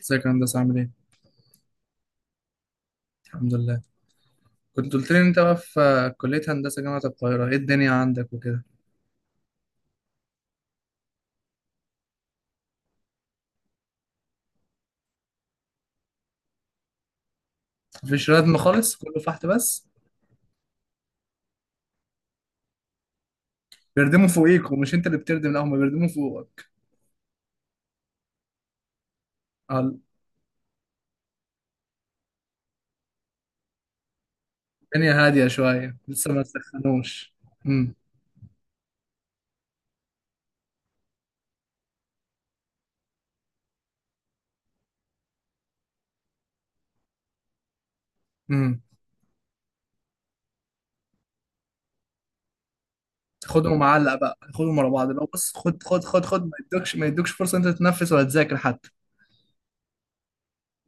ازيك يا هندسة عامل ايه؟ الحمد لله. كنت قلت لي ان انت بقى في كلية هندسة جامعة القاهرة، ايه الدنيا عندك وكده؟ مفيش ردم خالص، كله فحت بس. بيردموا فوقيك ومش انت اللي بتردم، لا هما بيردموا فوقك. اه الدنيا هادية شوية لسه ما استخدموش. امم امم خدهم معلق بقى، خدهم ورا بعض بقى، بص خد، ما يدوكش فرصة انت تتنفس ولا تذاكر حتى.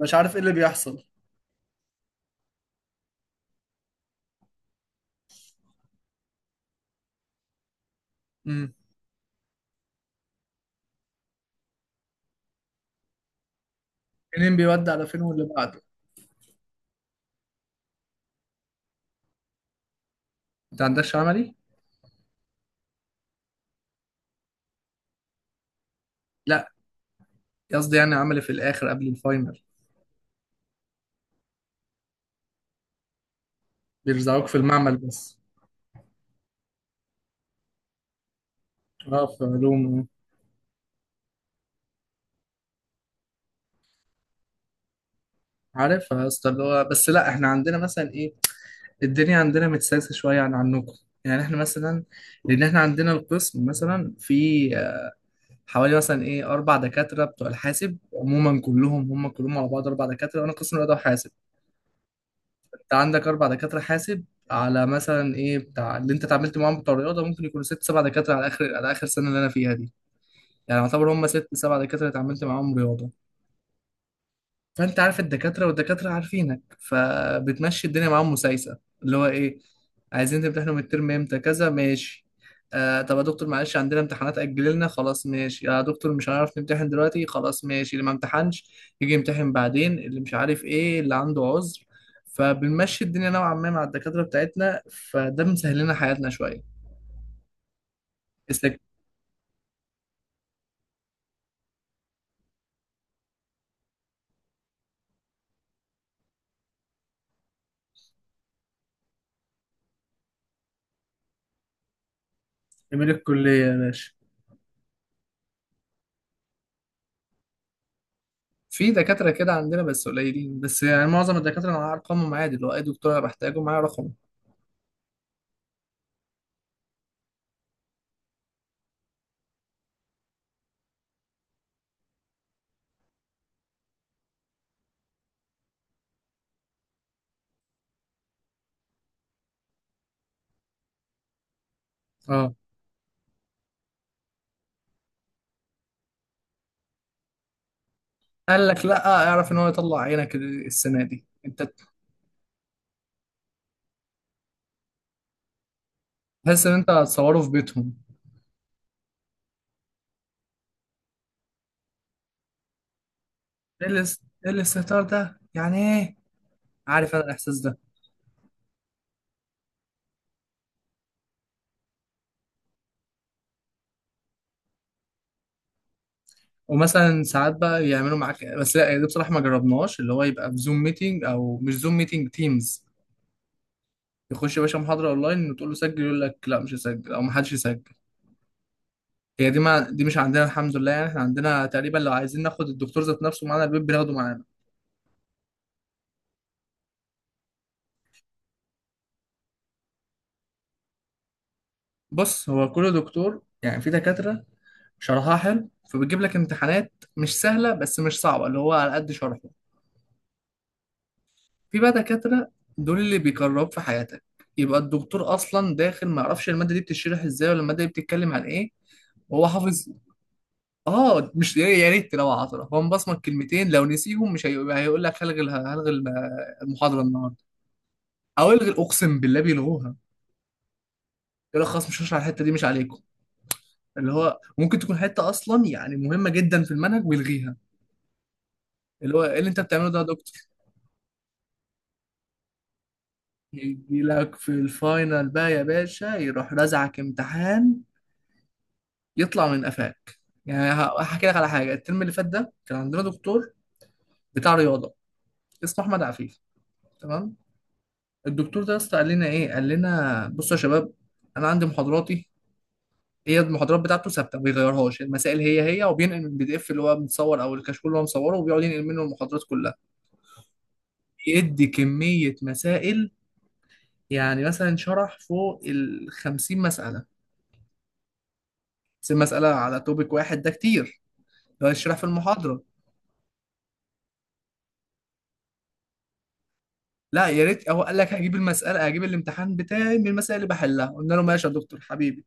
مش عارف ايه اللي بيحصل. امم منين بيودي على فين واللي بعده. انت عندكش عملي؟ لا، قصدي يعني عملي في الاخر قبل الفاينل. بيرزعوك في المعمل بس. اه في علوم. عارفها يا اسطى، اللي هو بس لا احنا عندنا مثلا ايه، الدنيا عندنا متسلسه شويه عن عنكم. يعني احنا مثلا، لان احنا عندنا القسم مثلا في حوالي مثلا ايه اربع دكاتره بتوع الحاسب عموما، كلهم هم كلهم على بعض اربع دكاتره، وانا قسم رياضه وحاسب. انت عندك اربع دكاتره حاسب، على مثلا ايه بتاع اللي انت اتعاملت معاهم بتوع الرياضه ممكن يكونوا ست سبع دكاتره، على اخر على اخر سنه اللي انا فيها دي. يعني يعتبر هم ست سبع دكاتره اتعاملت معاهم رياضه. فانت عارف الدكاتره والدكاتره عارفينك، فبتمشي الدنيا معاهم مسايسه اللي هو ايه. عايزين تمتحنوا من الترم امتى؟ كذا، ماشي. آه طب يا دكتور معلش عندنا امتحانات اجل لنا، خلاص ماشي. يا دكتور مش هنعرف نمتحن دلوقتي، خلاص ماشي، اللي ما امتحنش يجي يمتحن بعدين اللي مش عارف ايه اللي عنده عذر. فبنمشي الدنيا نوعا ما مع الدكاتره بتاعتنا، فده مسهل لنا حياتنا شويه. استك- جميل الكليه يا باشا. في دكاترة كده عندنا بس قليلين، بس يعني معظم الدكاترة أنا أرقامهم عادي، اللي هو أي دكتور أنا بحتاجه معايا رقم. اه قال لك لا، اعرف ان هو يطلع عينك السنه دي انت. تحس ان انت هتصوره في بيتهم. ايه الاس- إيه الاستهتار ده؟ يعني ايه. عارف انا الاحساس ده. ومثلا ساعات بقى يعملوا معاك، بس لا ده بصراحه ما جربناش، اللي هو يبقى في زوم ميتنج او مش زوم ميتنج تيمز. يخش يا باشا محاضره اونلاين وتقول له سجل، يقول لك لا مش هسجل او ما حدش يسجل. هي دي، ما دي مش عندنا الحمد لله. يعني احنا عندنا تقريبا لو عايزين ناخد الدكتور ذات نفسه معانا البيت بناخده معانا. بص هو كل دكتور، يعني في دكاتره شرحها حلو فبتجيب لك امتحانات مش سهلة بس مش صعبة، اللي هو على قد شرحه. في بقى دكاترة دول اللي بيجرب في حياتك، يبقى الدكتور أصلا داخل ما يعرفش المادة دي بتشرح إزاي ولا المادة دي بتتكلم عن إيه، وهو حافظ. آه مش يا ريت لو عطرة، هو مبصمك كلمتين لو نسيهم مش هيقول لك هلغي هلغي المحاضرة النهاردة. أو الغي، أقسم بالله بيلغوها. يقول لك خلاص مش هشرح الحتة دي، مش عليكم. اللي هو ممكن تكون حتة أصلا يعني مهمة جدا في المنهج ويلغيها. اللي هو إيه اللي أنت بتعمله ده يا دكتور؟ يجي لك في الفاينل بقى يا باشا، يروح رزعك امتحان يطلع من قفاك. يعني هحكي لك على حاجه، الترم اللي فات ده كان عندنا دكتور بتاع رياضه اسمه احمد عفيف، تمام. الدكتور ده يا اسطى قال لنا ايه، قال لنا بصوا يا شباب انا عندي محاضراتي. هي المحاضرات بتاعته ثابته ما بيغيرهاش، المسائل هي هي، وبينقل من البي دي اف اللي هو متصور او الكشكول اللي هو مصوره، وبيقعد ينقل منه المحاضرات كلها. يدي كميه مسائل، يعني مثلا شرح فوق ال 50 مساله، بس المساله على توبيك واحد ده كتير لو يشرح في المحاضره. لا يا ريت، هو قال لك هجيب المساله، هجيب الامتحان بتاعي من المسائل اللي بحلها، قلنا له ماشي يا دكتور حبيبي.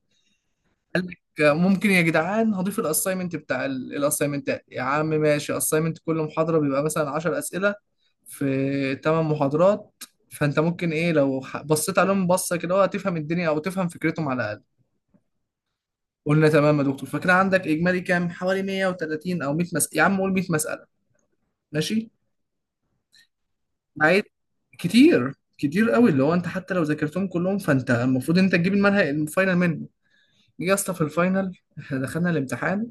ممكن يا جدعان هضيف الاساينمنت بتاع الاساينمنتات يا عم، ماشي، اساينمنت كل محاضره بيبقى مثلا 10 اسئله في 8 محاضرات، فانت ممكن ايه لو بصيت عليهم بصه كده، هو هتفهم الدنيا او تفهم فكرتهم على الاقل. قلنا تمام يا دكتور، فكده عندك اجمالي كام، حوالي 130 او 100 مساله، يا عم قول 100 مساله، ماشي. عايز، كتير كتير قوي، اللي هو انت حتى لو ذاكرتهم كلهم فانت المفروض انت تجيب المنهج الفاينل منه. جه يا اسطى في الفاينل، احنا دخلنا الامتحان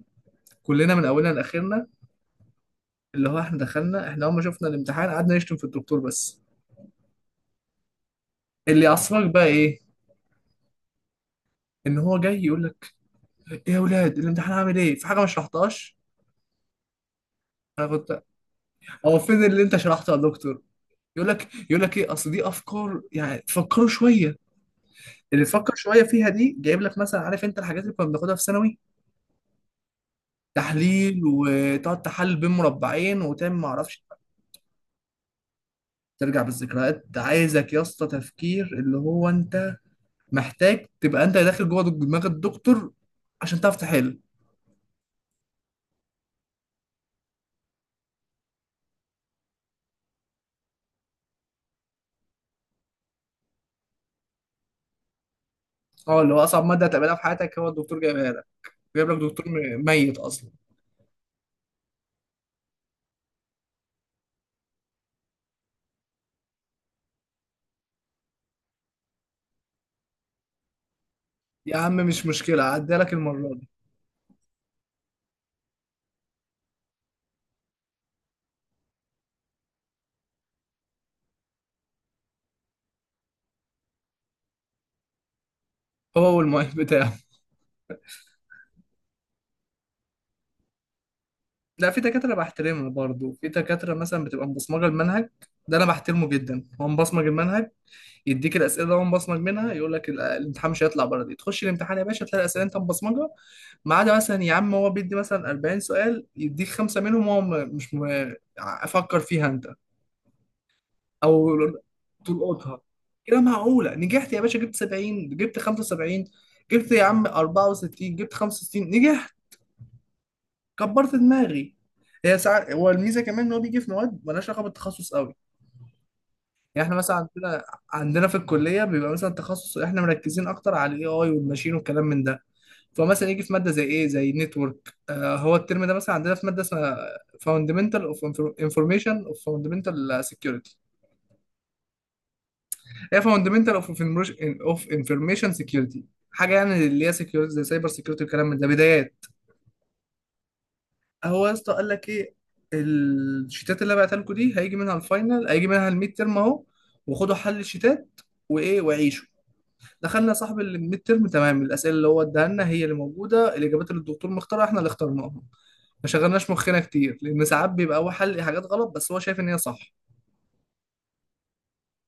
كلنا من اولنا لاخرنا، اللي هو احنا دخلنا، احنا اول ما شفنا الامتحان قعدنا نشتم في الدكتور بس. اللي يعصبك بقى ايه، ان هو جاي يقول لك ايه يا اولاد الامتحان عامل ايه، في حاجه ما شرحتهاش؟ انا كنت، هو فين اللي انت شرحته يا دكتور؟ يقول لك ايه، اصل دي افكار يعني تفكروا شويه. اللي تفكر شويه فيها دي جايب لك، مثلا عارف انت الحاجات اللي كنا بناخدها في ثانوي، تحليل وتقعد تحلل بين مربعين وتعمل ما اعرفش. ترجع بالذكريات، ده عايزك يا اسطى تفكير، اللي هو انت محتاج تبقى انت داخل جوه دماغ الدكتور عشان تعرف تحل. اه اللي هو اصعب ماده هتقابلها في حياتك هو الدكتور جايبها لك. جايب لك دكتور ميت اصلا. يا عم مش مشكله عدي لك المره دي. هو والمعيد بتاعه. لا في دكاتره بحترمها برضه، في دكاتره مثلا بتبقى مبصمجه المنهج، ده انا بحترمه جدا هو مبصمج المنهج، يديك الاسئله وأنا مبصمج منها. يقول لك الامتحان مش هيطلع بره دي، تخش الامتحان يا باشا تلاقي الاسئله انت مبصمجها. ما عدا مثلا يا عم هو بيدي مثلا 40 سؤال، يديك خمسه منهم هو م- مش م- افكر فيها انت. او تلقطها، كده معقوله نجحت يا باشا، جبت 70، جبت 75، جبت يا عم 64، جبت 65، نجحت. كبرت دماغي. هي ساعات هو الميزه كمان ان هو بيجي في مواد مالهاش علاقه بالتخصص قوي. يعني احنا مثلا عندنا، عندنا في الكليه بيبقى مثلا تخصص، احنا مركزين اكتر على الاي اي والماشين والكلام من ده. فمثلا يجي في ماده زي ايه، زي نتورك. آه هو الترم ده مثلا عندنا في ماده اسمها فاوندمنتال اوف انفورميشن اوف فاوندمنتال سكيورتي. هي فاوندمنتال اوف اوف انفورميشن سكيورتي، حاجه يعني اللي هي سكيورتي زي سايبر سكيورتي والكلام من ده بدايات. هو يا اسطى قال لك ايه، الشيتات اللي بعتها لكم دي هيجي منها الفاينل، هيجي منها الميد ترم اهو، وخدوا حل الشيتات وايه وعيشوا. دخلنا صاحب الميد ترم، تمام، الاسئله اللي هو اداها لنا هي اللي موجوده، الاجابات اللي الدكتور مختارها احنا اللي اخترناها. ما شغلناش مخنا كتير، لان ساعات بيبقى هو حل حاجات غلط بس هو شايف ان هي صح.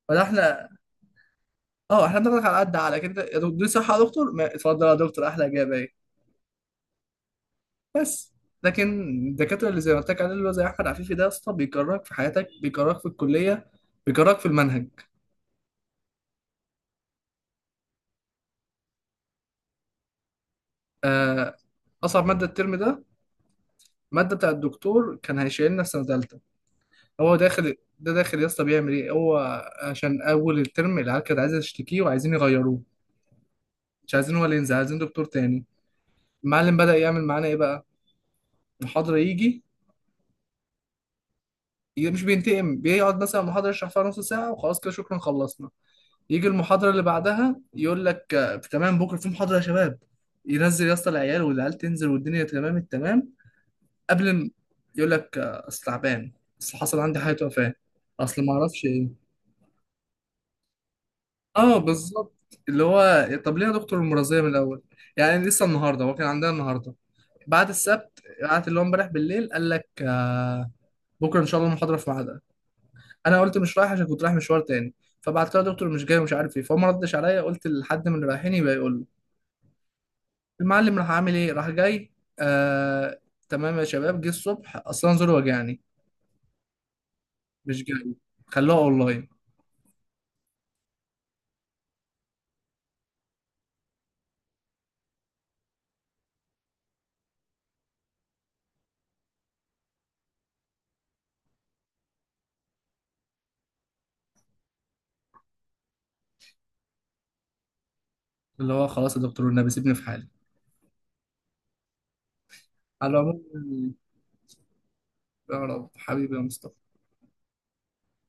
فده احنا، اه احنا بناخد على قد على كده، يا دكتور دي صح، يا دكتور ما اتفضل يا دكتور احلى اجابه اهي. بس لكن الدكاتره اللي زي ما قلت لك عليه، اللي هو زي احمد عفيفي ده، يا اسطى بيكرهك في حياتك، بيكرهك في الكليه، بيكرهك في المنهج. آه، اصعب ماده الترم ده، ماده بتاع الدكتور كان هيشيلنا في سنه تالتة. هو داخل، ده داخل يا اسطى بيعمل ايه هو، عشان اول الترم العيال كانت عايزه تشتكيه وعايزين يغيروه، مش عايزين هو اللي ينزل عايزين دكتور تاني. المعلم بدأ يعمل معانا ايه بقى، محاضره يجي، مش بينتقم، بيقعد مثلا المحاضره يشرح فيها نص ساعه وخلاص كده شكرا خلصنا. يجي المحاضره اللي بعدها يقول لك تمام بكره في محاضره يا شباب. ينزل يا اسطى العيال والعيال تنزل والدنيا تمام التمام. قبل م- يقول لك اصل تعبان، اصل حصل عندي حاجه، وفاه، اصل ما اعرفش ايه. اه بالظبط، اللي هو طب ليه يا دكتور المرضية من الأول؟ يعني لسه النهاردة هو كان عندنا النهاردة بعد السبت، قعدت اللي هو امبارح بالليل قال لك آه بكرة إن شاء الله المحاضرة في ميعادها. أنا قلت مش رايح عشان كنت رايح مشوار تاني، فبعت له يا دكتور مش جاي ومش عارف ايه، فهو ما ردش عليا، قلت لحد من اللي رايحين يبقى يقول له. المعلم راح عامل ايه، راح جاي آه تمام يا شباب جه الصبح أصلا زوري وجعني، مش جاي، خلوها أونلاين. اللي هو خلاص يا دكتور والنبي سيبني في حالي. على العموم يعني، يا رب حبيبي يا مصطفى.